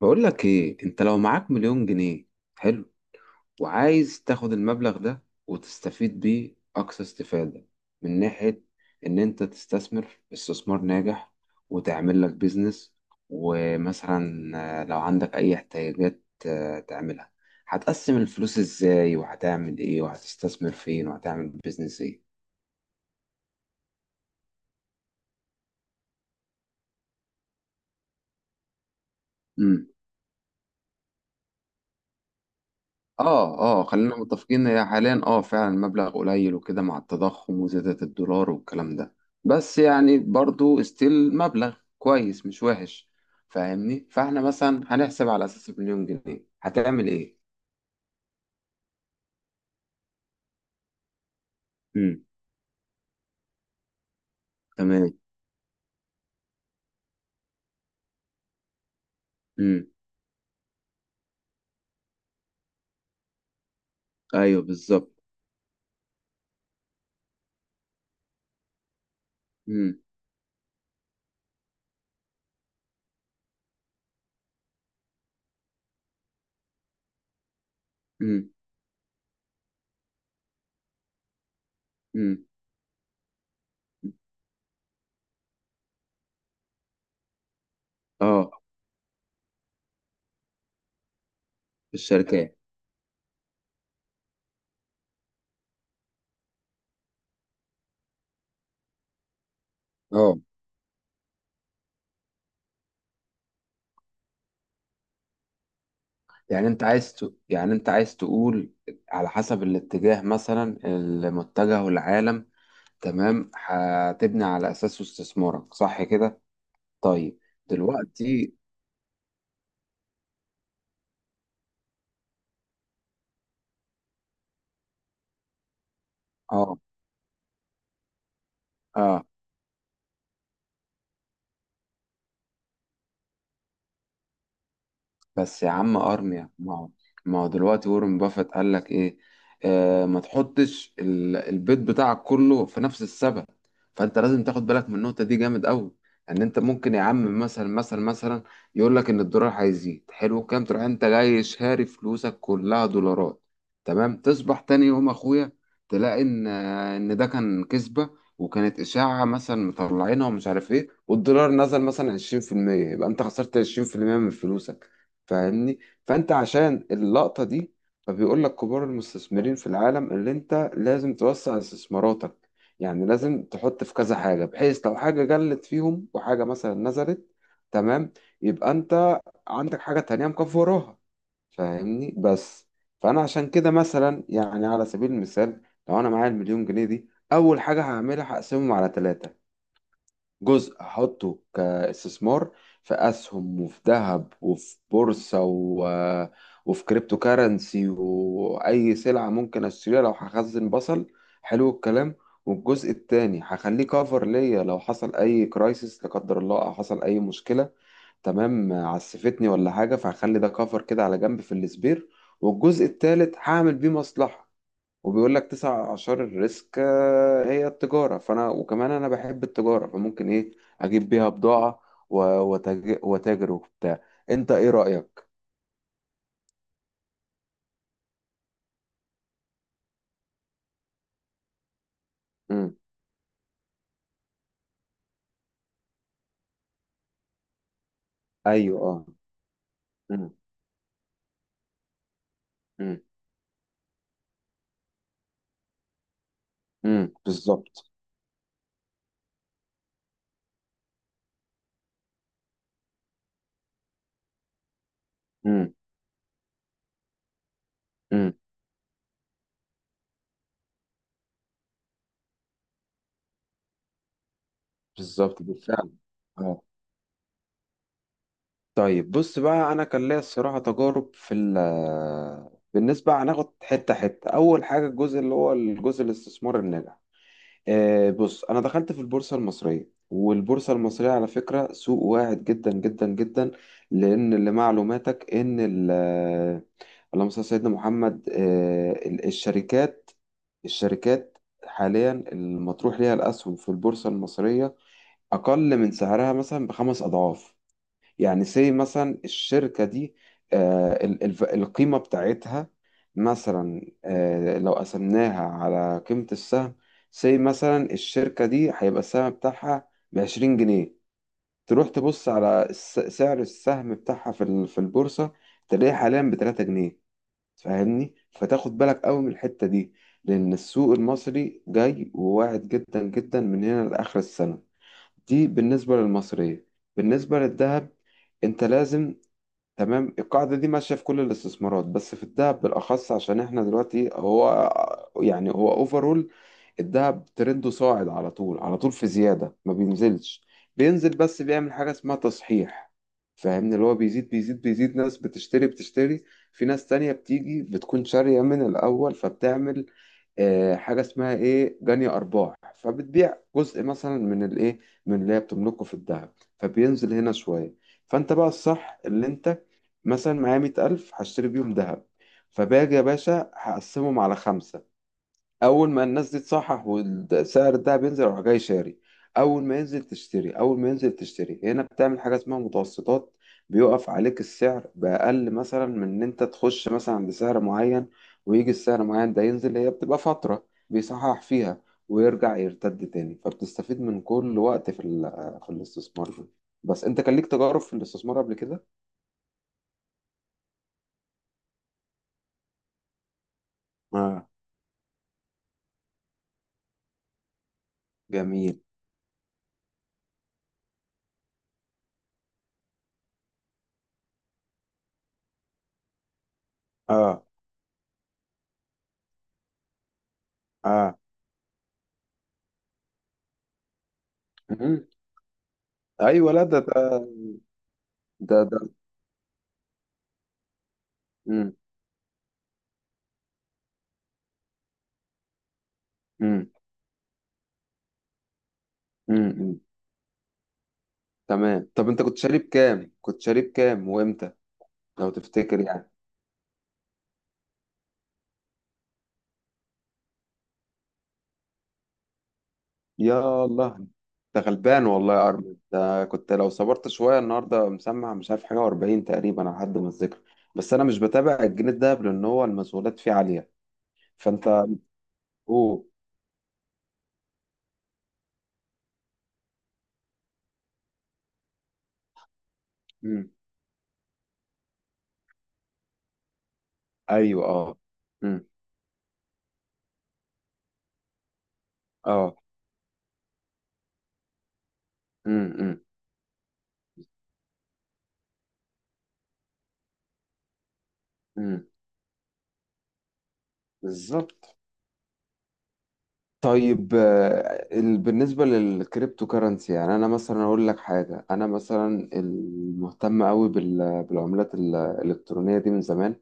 بقول لك ايه؟ انت لو معاك مليون جنيه، حلو، وعايز تاخد المبلغ ده وتستفيد بيه اقصى استفادة، من ناحية ان انت تستثمر استثمار ناجح وتعمل لك بيزنس، ومثلا لو عندك اي احتياجات تعملها، هتقسم الفلوس ازاي وهتعمل ايه وهتستثمر فين وهتعمل بيزنس ايه؟ اه اه، خلينا متفقين هي حاليا اه فعلا مبلغ قليل، وكده مع التضخم وزيادة الدولار والكلام ده، بس يعني برضو استيل مبلغ كويس مش وحش، فاهمني؟ فاحنا مثلا هنحسب على اساس مليون جنيه هتعمل ايه. امم تمام. امم ايوه بالظبط. امم امم امم اه، في الشركات. اه، يعني انت عايز ت... يعني انت عايز تقول على حسب الاتجاه، مثلا المتجه والعالم، تمام، هتبني على اساسه استثمارك، صح كده؟ طيب، دلوقتي اه اه، بس يا عم ارميا، ما هو، ما هو دلوقتي وارن بافيت قال لك ايه؟ آه، ما تحطش البيض بتاعك كله في نفس السبت. فانت لازم تاخد بالك من النقطه دي جامد قوي. ان انت ممكن يا عم، مثلا، يقول لك ان الدولار هيزيد، حلو، كام تروح انت جاي شاري فلوسك كلها دولارات، تمام، تصبح تاني يوم اخويا تلاقي ان ان ده كان كذبه، وكانت اشاعه مثلا مطلعينها ومش عارف ايه، والدولار نزل مثلا 20%، يبقى انت خسرت 20% من فلوسك، فاهمني؟ فانت عشان اللقطة دي، فبيقول لك كبار المستثمرين في العالم اللي انت لازم توسع استثماراتك، يعني لازم تحط في كذا حاجة، بحيث لو حاجة قلت فيهم وحاجة مثلا نزلت، تمام، يبقى انت عندك حاجة تانية مكفراها، فاهمني؟ بس. فانا عشان كده مثلا، يعني على سبيل المثال، لو انا معايا المليون جنيه دي، اول حاجة هعملها هقسمهم على ثلاثة. جزء هحطه كاستثمار في اسهم وفي ذهب وفي بورصه و... وفي كريبتو كارنسي، واي سلعه ممكن اشتريها لو هخزن بصل، حلو الكلام. والجزء التاني هخليه كفر ليا، لو حصل اي كرايسيس لا قدر الله، او حصل اي مشكله، تمام، عسفتني ولا حاجه، فهخلي ده كفر كده على جنب في السبير. والجزء التالت هعمل بيه مصلحه. وبيقول لك تسع أعشار الريسك هي التجارة، فأنا وكمان أنا بحب التجارة، فممكن إيه أجيب بيها بضاعة، وتاجر وبتاع. أنت إيه رأيك؟ مم. أيوه أه. مم. مم. بالظبط. مم. مم. بالظبط بالفعل، أه. طيب بص بقى، أنا كان ليا الصراحة تجارب في ال، بالنسبة هناخد حتة حتة. أول حاجة الجزء اللي هو الجزء الاستثمار الناجح، بص، انا دخلت في البورصه المصريه، والبورصه المصريه على فكره سوق واعد جدا جدا جدا. لان لمعلوماتك ان اللهم صل على سيدنا محمد، الشركات حاليا المطروح ليها الاسهم في البورصه المصريه اقل من سعرها مثلا بخمس اضعاف. يعني سي مثلا الشركة دي، القيمة بتاعتها مثلا، لو قسمناها على قيمة السهم، سي مثلا الشركة دي هيبقى السهم بتاعها بعشرين جنيه. تروح تبص على سعر السهم بتاعها في في البورصة، تلاقيه حاليا بتلاتة جنيه. فاهمني؟ فتاخد بالك قوي من الحتة دي، لأن السوق المصري جاي وواعد جدا جدا من هنا لآخر السنة. دي بالنسبة للمصرية. بالنسبة للذهب، انت لازم، تمام، القاعدة دي ماشية في كل الاستثمارات، بس في الذهب بالأخص. عشان احنا دلوقتي هو، يعني هو اوفرول الذهب ترنده صاعد على طول، في زيادة ما بينزلش، بينزل بس بيعمل حاجة اسمها تصحيح. فاهمني؟ اللي هو بيزيد بيزيد، ناس بتشتري، في ناس تانية بتيجي بتكون شارية من الأول، فبتعمل حاجة اسمها ايه، جني أرباح، فبتبيع جزء مثلا من الايه، من اللي هي بتملكه في الذهب، فبينزل هنا شوية. فانت بقى الصح اللي انت، مثلا معايا مية ألف هشتري بيهم دهب، فباجي يا باشا هقسمهم على خمسة، أول ما الناس دي تصحح وسعر الدهب ينزل أروح جاي شاري، أول ما ينزل تشتري، أول ما ينزل تشتري، هنا بتعمل حاجة اسمها متوسطات، بيقف عليك السعر بأقل مثلا من إن أنت تخش مثلا بسعر معين، ويجي السعر معين ده ينزل، هي بتبقى فترة بيصحح فيها ويرجع يرتد تاني، فبتستفيد من كل وقت في في الاستثمار ده. بس أنت كان ليك تجارب في الاستثمار قبل كده؟ آه، جميل، اه اه. مم. ايوه. لا ده. مم. مم. مم. مم. تمام. طب انت كنت شارب كام، كنت شارب كام وامتى، لو تفتكر يعني؟ يا الله، انت غلبان والله يا ارمي، ده كنت لو صبرت شويه، النهارده مسمع مش عارف حاجه و40 تقريبا على حد ما اتذكر. بس انا مش بتابع الجنيه الدهب لان هو المسؤولات فيه عاليه. فانت، اوه. مم. ايوه اه. مم. اه. مم. مم. مم. بالظبط. طيب، بالنسبة للكريبتو كرنسي، يعني أنا مثلا أقول لك حاجة، أنا مثلا المهتم أوي بالعملات الإلكترونية دي من زمان،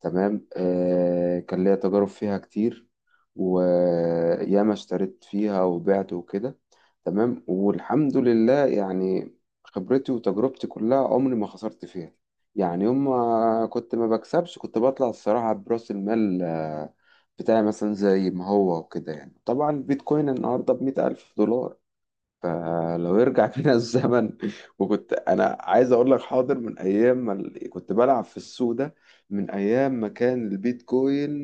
تمام، آه، كان ليا تجارب فيها كتير، وياما اشتريت فيها وبعت وكده، تمام، والحمد لله يعني، خبرتي وتجربتي كلها عمري ما خسرت فيها. يعني يوم ما كنت ما بكسبش كنت بطلع الصراحة برأس المال بتاعي مثلا زي ما هو وكده. يعني طبعا البيتكوين النهاردة بمئة ألف دولار، فلو يرجع فينا الزمن، وكنت انا عايز اقول لك، حاضر، من ايام ما كنت بلعب في السوق ده، من ايام ما كان البيتكوين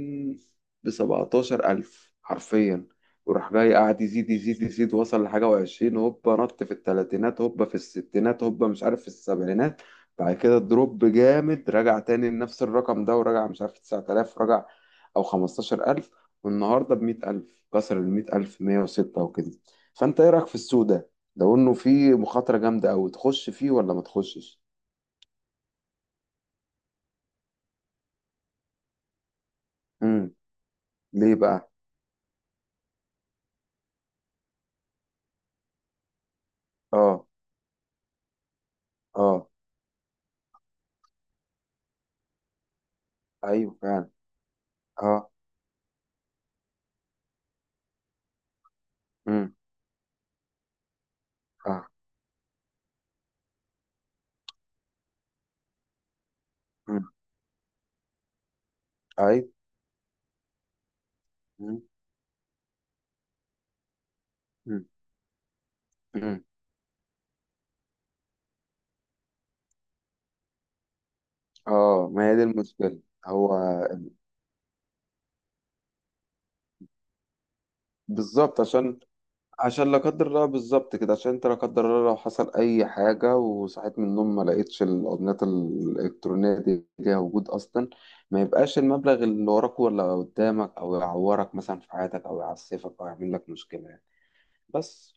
ب 17000 الف حرفيا، وراح جاي قاعد يزيد، وصل لحاجه و20، هوبا نط في الثلاثينات، هوبا في الستينات، هوبا مش عارف في السبعينات، بعد كده دروب جامد، رجع تاني لنفس الرقم ده، ورجع مش عارف 9000، رجع او 15000، والنهارده ب 100000، كسر ال 100000، 106 وكده. فانت ايه رايك في السوق ده، لو انه فيه مخاطره جامده قوي تخش فيه ولا ما تخشش؟ امم ليه بقى؟ اه اه، ايوه فعلا، اه. امم اه. امم ايوه. امم امم امم. اه، ما هي دي المشكله. هو، بالظبط، عشان، عشان لا قدر الله، بالظبط كده، عشان انت لا قدر الله لو حصل اي حاجه وصحيت من النوم ما لقيتش الاوردينات الالكترونيه دي ليها وجود اصلا، ما يبقاش المبلغ اللي وراك ولا قدامك، او يعورك مثلا في حياتك، او يعسفك، او يعمل لك مشكله يعني. بس.